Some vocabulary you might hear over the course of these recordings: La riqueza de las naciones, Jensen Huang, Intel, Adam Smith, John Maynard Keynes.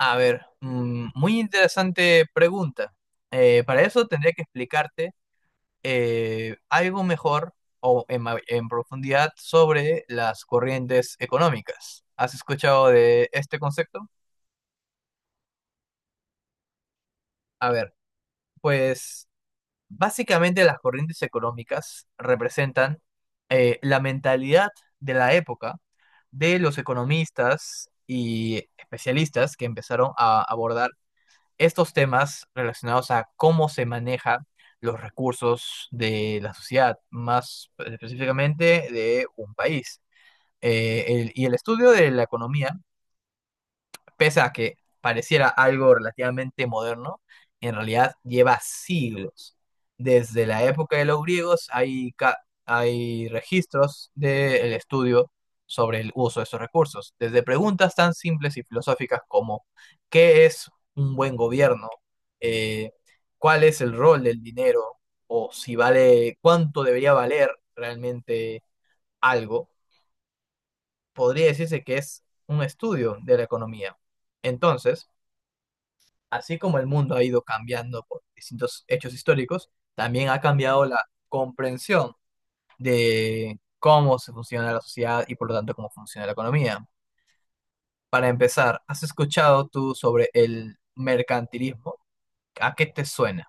A ver, muy interesante pregunta. Para eso tendría que explicarte algo mejor o en profundidad sobre las corrientes económicas. ¿Has escuchado de este concepto? A ver, pues básicamente las corrientes económicas representan la mentalidad de la época de los economistas y especialistas que empezaron a abordar estos temas relacionados a cómo se maneja los recursos de la sociedad, más específicamente de un país. Y el estudio de la economía, pese a que pareciera algo relativamente moderno, en realidad lleva siglos. Desde la época de los griegos hay registros del estudio sobre el uso de estos recursos, desde preguntas tan simples y filosóficas como ¿qué es un buen gobierno? Eh, ¿Cuál es el rol del dinero? O, si vale, ¿cuánto debería valer realmente algo? Podría decirse que es un estudio de la economía. Entonces, así como el mundo ha ido cambiando por distintos hechos históricos, también ha cambiado la comprensión de cómo se funciona la sociedad y por lo tanto cómo funciona la economía. Para empezar, ¿has escuchado tú sobre el mercantilismo? ¿A qué te suena?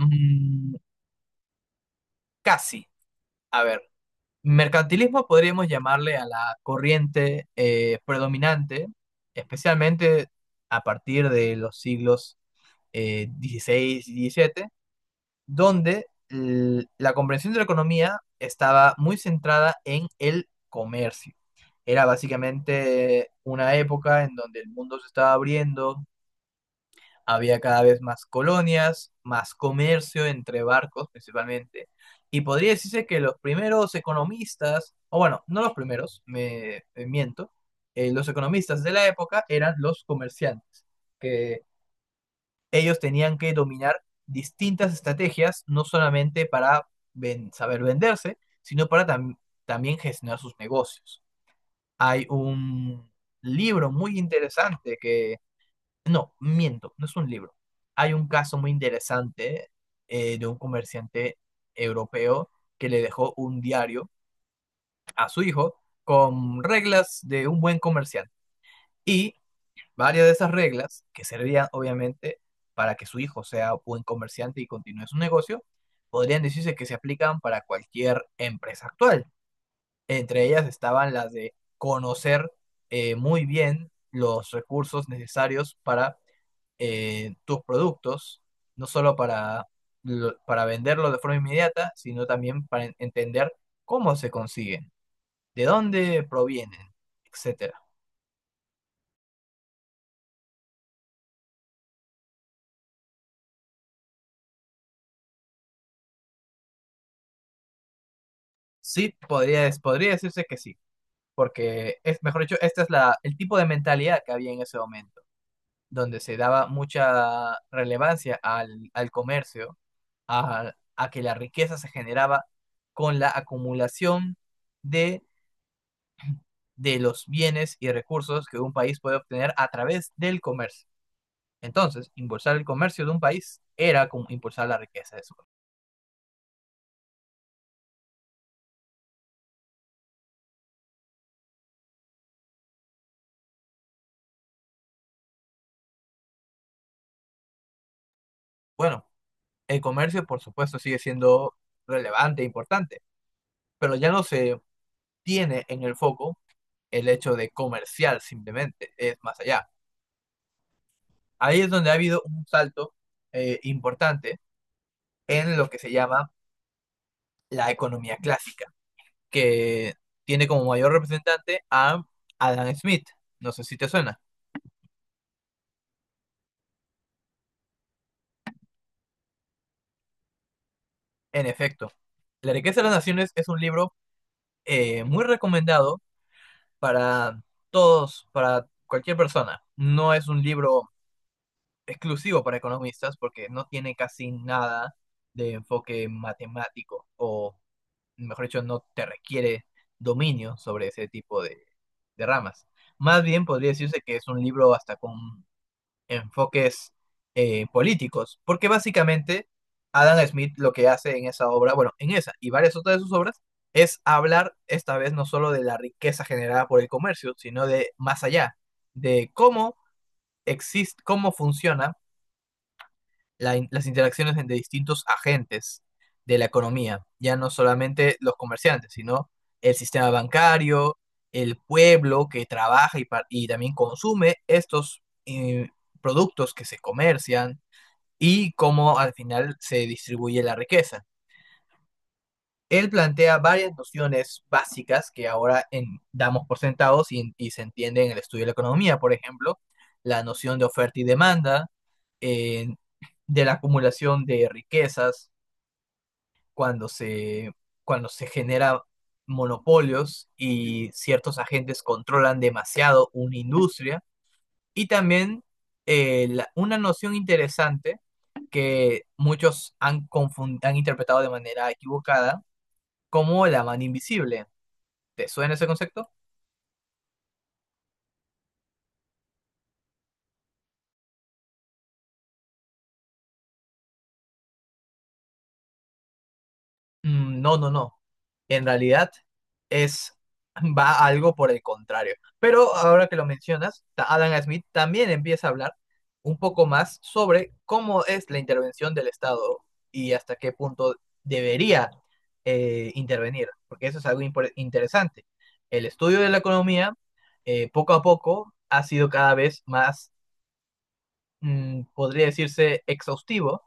Mm, casi. A ver, mercantilismo podríamos llamarle a la corriente predominante, especialmente a partir de los siglos XVI y XVII, donde la comprensión de la economía estaba muy centrada en el comercio. Era básicamente una época en donde el mundo se estaba abriendo, había cada vez más colonias, más comercio entre barcos principalmente, y podría decirse que los primeros economistas, o bueno, no los primeros, me miento, los economistas de la época eran los comerciantes, que ellos tenían que dominar distintas estrategias, no solamente para saber venderse, sino para también gestionar sus negocios. Hay un libro muy interesante que, no, miento, no es un libro. Hay un caso muy interesante de un comerciante europeo que le dejó un diario a su hijo con reglas de un buen comerciante. Y varias de esas reglas, que servían obviamente para que su hijo sea buen comerciante y continúe su negocio, podrían decirse que se aplican para cualquier empresa actual. Entre ellas estaban las de conocer muy bien los recursos necesarios para tus productos, no solo para venderlos de forma inmediata, sino también para entender cómo se consiguen, de dónde provienen, etcétera. Sí, podría decirse que sí, porque es, mejor dicho, este es la, el tipo de mentalidad que había en ese momento, donde se daba mucha relevancia al comercio, a que la riqueza se generaba con la acumulación de, de los bienes y recursos que un país puede obtener a través del comercio. Entonces, impulsar el comercio de un país era como impulsar la riqueza de su país. Bueno, el comercio, por supuesto, sigue siendo relevante e importante, pero ya no se tiene en el foco el hecho de comercial simplemente, es más allá. Ahí es donde ha habido un salto importante en lo que se llama la economía clásica, que tiene como mayor representante a Adam Smith. No sé si te suena. En efecto, la riqueza de las naciones es un libro muy recomendado para todos, para cualquier persona. No es un libro exclusivo para economistas, porque no tiene casi nada de enfoque matemático, o mejor dicho, no te requiere dominio sobre ese tipo de ramas. Más bien podría decirse que es un libro hasta con enfoques políticos, porque básicamente Adam Smith lo que hace en esa obra, bueno, en esa y varias otras de sus obras, es hablar esta vez no solo de la riqueza generada por el comercio, sino de más allá, de cómo existe, cómo funciona las interacciones entre distintos agentes de la economía, ya no solamente los comerciantes, sino el sistema bancario, el pueblo que trabaja y también consume estos productos que se comercian, y cómo al final se distribuye la riqueza. Él plantea varias nociones básicas que ahora damos por sentados y se entiende en el estudio de la economía, por ejemplo, la noción de oferta y demanda, eh, de la acumulación de riquezas cuando se genera monopolios y ciertos agentes controlan demasiado una industria. Y también una noción interesante que muchos han interpretado de manera equivocada como la mano invisible. ¿Te suena ese concepto? Mm, no, no, no. En realidad es va algo por el contrario. Pero ahora que lo mencionas, Adam Smith también empieza a hablar un poco más sobre cómo es la intervención del Estado y hasta qué punto debería intervenir, porque eso es algo interesante. El estudio de la economía, poco a poco, ha sido cada vez más, podría decirse, exhaustivo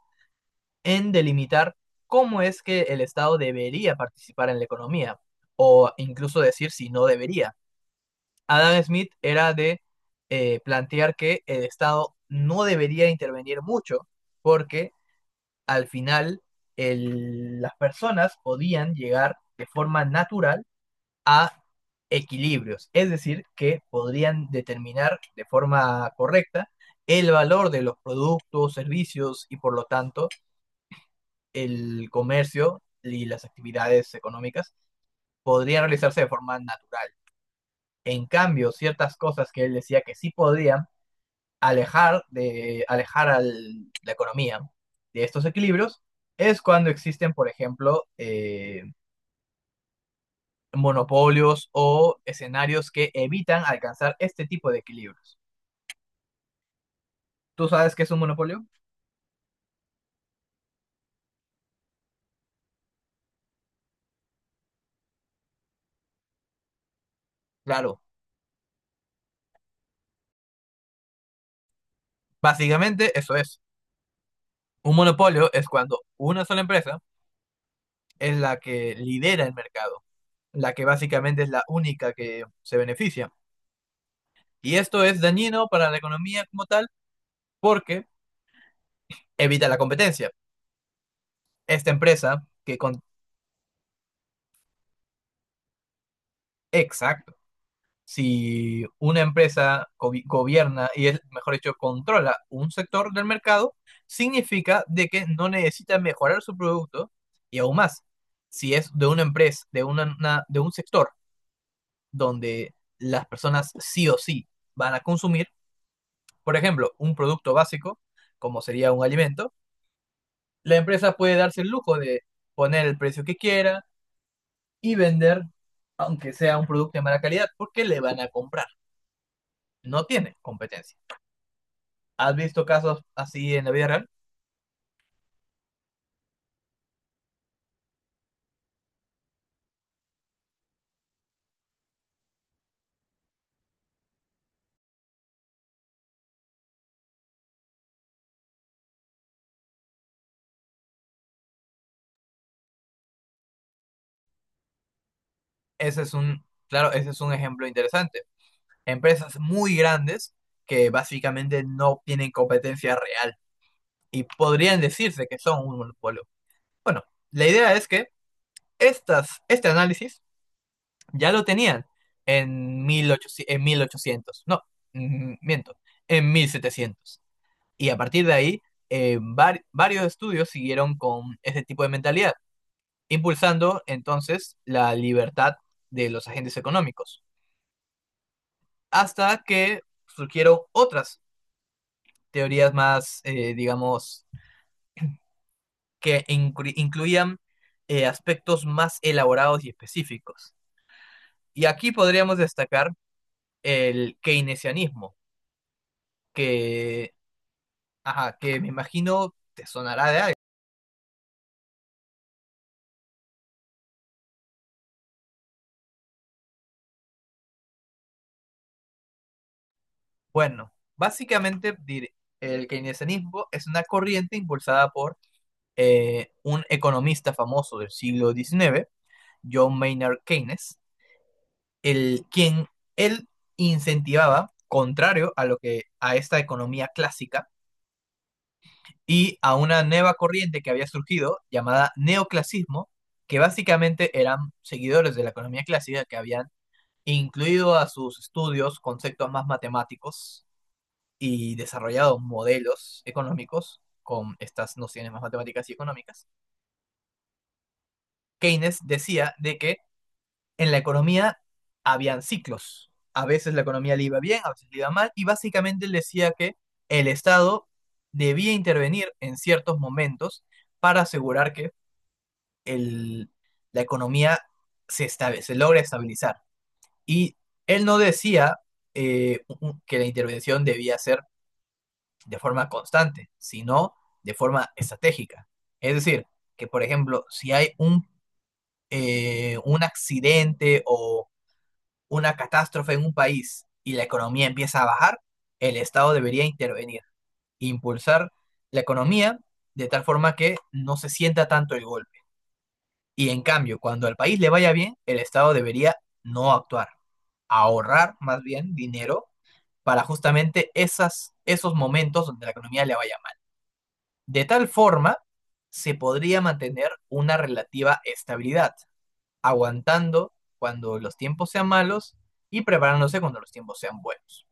en delimitar cómo es que el Estado debería participar en la economía, o incluso decir si no debería. Adam Smith era de plantear que el Estado no debería intervenir mucho, porque al final las personas podían llegar de forma natural a equilibrios, es decir, que podrían determinar de forma correcta el valor de los productos, servicios, y por lo tanto el comercio y las actividades económicas podrían realizarse de forma natural. En cambio, ciertas cosas que él decía que sí podían alejar a la economía de estos equilibrios es cuando existen, por ejemplo, monopolios o escenarios que evitan alcanzar este tipo de equilibrios. ¿Tú sabes qué es un monopolio? Claro, básicamente eso es. Un monopolio es cuando una sola empresa es la que lidera el mercado, la que básicamente es la única que se beneficia. Y esto es dañino para la economía como tal porque evita la competencia. Esta empresa que con... Exacto. Si una empresa gobierna y es, mejor dicho, controla un sector del mercado, significa de que no necesita mejorar su producto. Y aún más, si es de una empresa, de una- de un sector donde las personas sí o sí van a consumir. Por ejemplo, un producto básico, como sería un alimento, la empresa puede darse el lujo de poner el precio que quiera y vender, aunque sea un producto de mala calidad, porque le van a comprar. No tiene competencia. ¿Has visto casos así en la vida real? Ese es un, claro, ese es un ejemplo interesante. Empresas muy grandes que básicamente no tienen competencia real y podrían decirse que son un monopolio. Bueno, la idea es que estas, este análisis ya lo tenían en en 1800, no, miento, en 1700. Y a partir de ahí, varios estudios siguieron con ese tipo de mentalidad, impulsando entonces la libertad de los agentes económicos, hasta que surgieron otras teorías más, digamos, que incluían aspectos más elaborados y específicos. Y aquí podríamos destacar el keynesianismo que Ajá, que me imagino te sonará de algo. Bueno, básicamente el keynesianismo es una corriente impulsada por un economista famoso del siglo XIX, John Maynard Keynes, quien él incentivaba, contrario a lo que a esta economía clásica y a una nueva corriente que había surgido llamada neoclasismo, que básicamente eran seguidores de la economía clásica que habían incluido a sus estudios conceptos más matemáticos y desarrollado modelos económicos con estas nociones más matemáticas y económicas, Keynes decía de que en la economía habían ciclos. A veces la economía le iba bien, a veces le iba mal, y básicamente él decía que el Estado debía intervenir en ciertos momentos para asegurar que el, la economía se logre estabilizar. Y él no decía eh, que la intervención debía ser de forma constante, sino de forma estratégica. Es decir, que por ejemplo, si hay un accidente o una catástrofe en un país y la economía empieza a bajar, el Estado debería intervenir, impulsar la economía de tal forma que no se sienta tanto el golpe. Y en cambio, cuando al país le vaya bien, el Estado debería no actuar, ahorrar más bien dinero para justamente esas, esos momentos donde la economía le vaya. De tal forma, se podría mantener una relativa estabilidad, aguantando cuando los tiempos sean malos y preparándose cuando los tiempos sean buenos.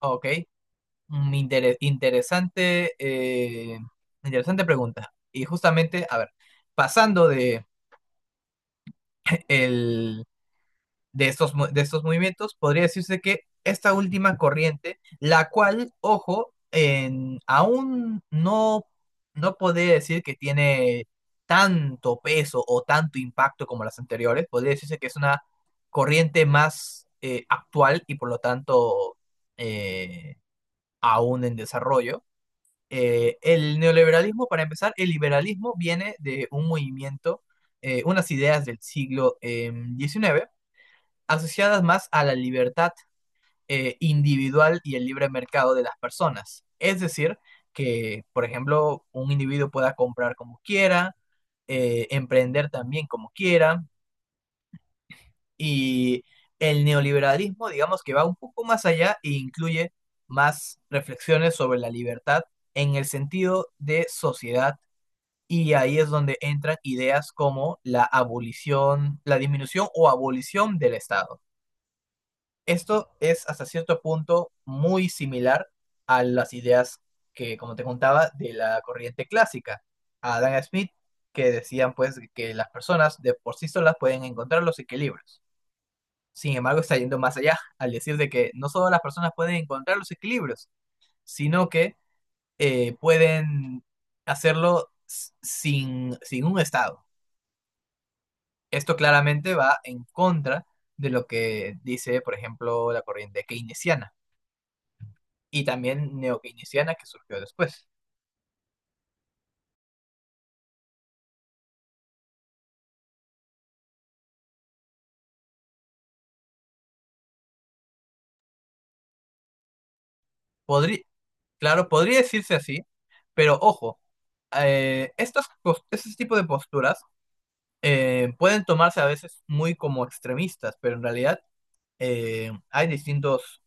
Ok, interesante, pregunta. Y justamente, a ver, pasando el de estos movimientos, podría decirse que esta última corriente, la cual, ojo, aún no podría decir que tiene tanto peso o tanto impacto como las anteriores, podría decirse que es una corriente más actual y por lo tanto eh, aún en desarrollo. El neoliberalismo, para empezar, el liberalismo viene de un movimiento, unas ideas del siglo diecinueve, XIX, asociadas más a la libertad individual y el libre mercado de las personas. Es decir, que, por ejemplo, un individuo pueda comprar como quiera, emprender también como quiera, y el neoliberalismo, digamos que va un poco más allá e incluye más reflexiones sobre la libertad en el sentido de sociedad. Y ahí es donde entran ideas como la abolición, la disminución o abolición del Estado. Esto es hasta cierto punto muy similar a las ideas que, como te contaba, de la corriente clásica, a Adam Smith, que decían pues que las personas de por sí solas pueden encontrar los equilibrios. Sin embargo, está yendo más allá al decir de que no solo las personas pueden encontrar los equilibrios, sino que pueden hacerlo sin un Estado. Esto claramente va en contra de lo que dice, por ejemplo, la corriente keynesiana y también neokeynesiana que surgió después. Podrí- claro, podría decirse así, pero ojo, este tipo de posturas pueden tomarse a veces muy como extremistas, pero en realidad eh, hay distintos,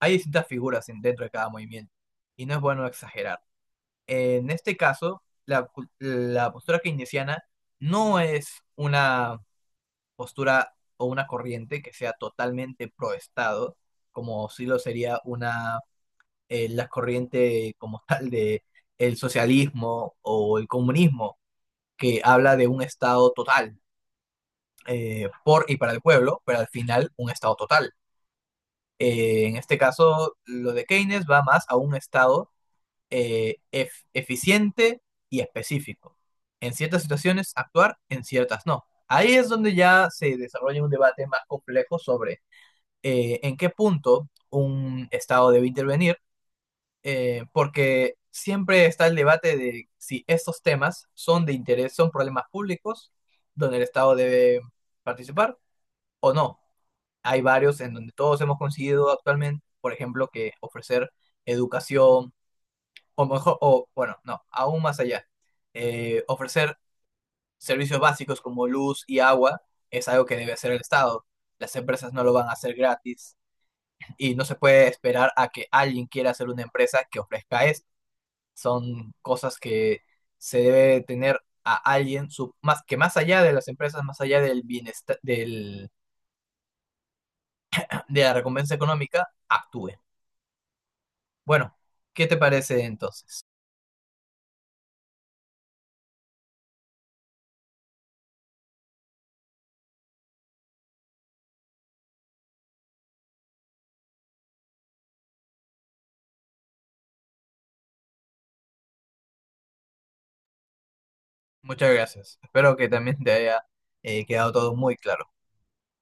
hay distintas figuras dentro de cada movimiento, y no es bueno exagerar. En este caso, la postura keynesiana no es una postura o una corriente que sea totalmente pro Estado, como sí lo sería una la corriente como tal de el socialismo o el comunismo, que habla de un Estado total por y para el pueblo, pero al final un Estado total. En este caso, lo de Keynes va más a un Estado eficiente y específico. En ciertas situaciones actuar, en ciertas no. Ahí es donde ya se desarrolla un debate más complejo sobre en qué punto un Estado debe intervenir, porque siempre está el debate de si estos temas son de interés, son problemas públicos donde el Estado debe participar o no. Hay varios en donde todos hemos conseguido actualmente, por ejemplo, que ofrecer educación, o mejor, o bueno, no, aún más allá, ofrecer servicios básicos como luz y agua es algo que debe hacer el Estado. Las empresas no lo van a hacer gratis y no se puede esperar a que alguien quiera hacer una empresa que ofrezca esto. Son cosas que se debe tener a alguien más, que más allá de las empresas, más allá del bienestar, del, de la recompensa económica, actúe. Bueno, ¿qué te parece entonces? Muchas gracias. Espero que también te haya quedado todo muy claro.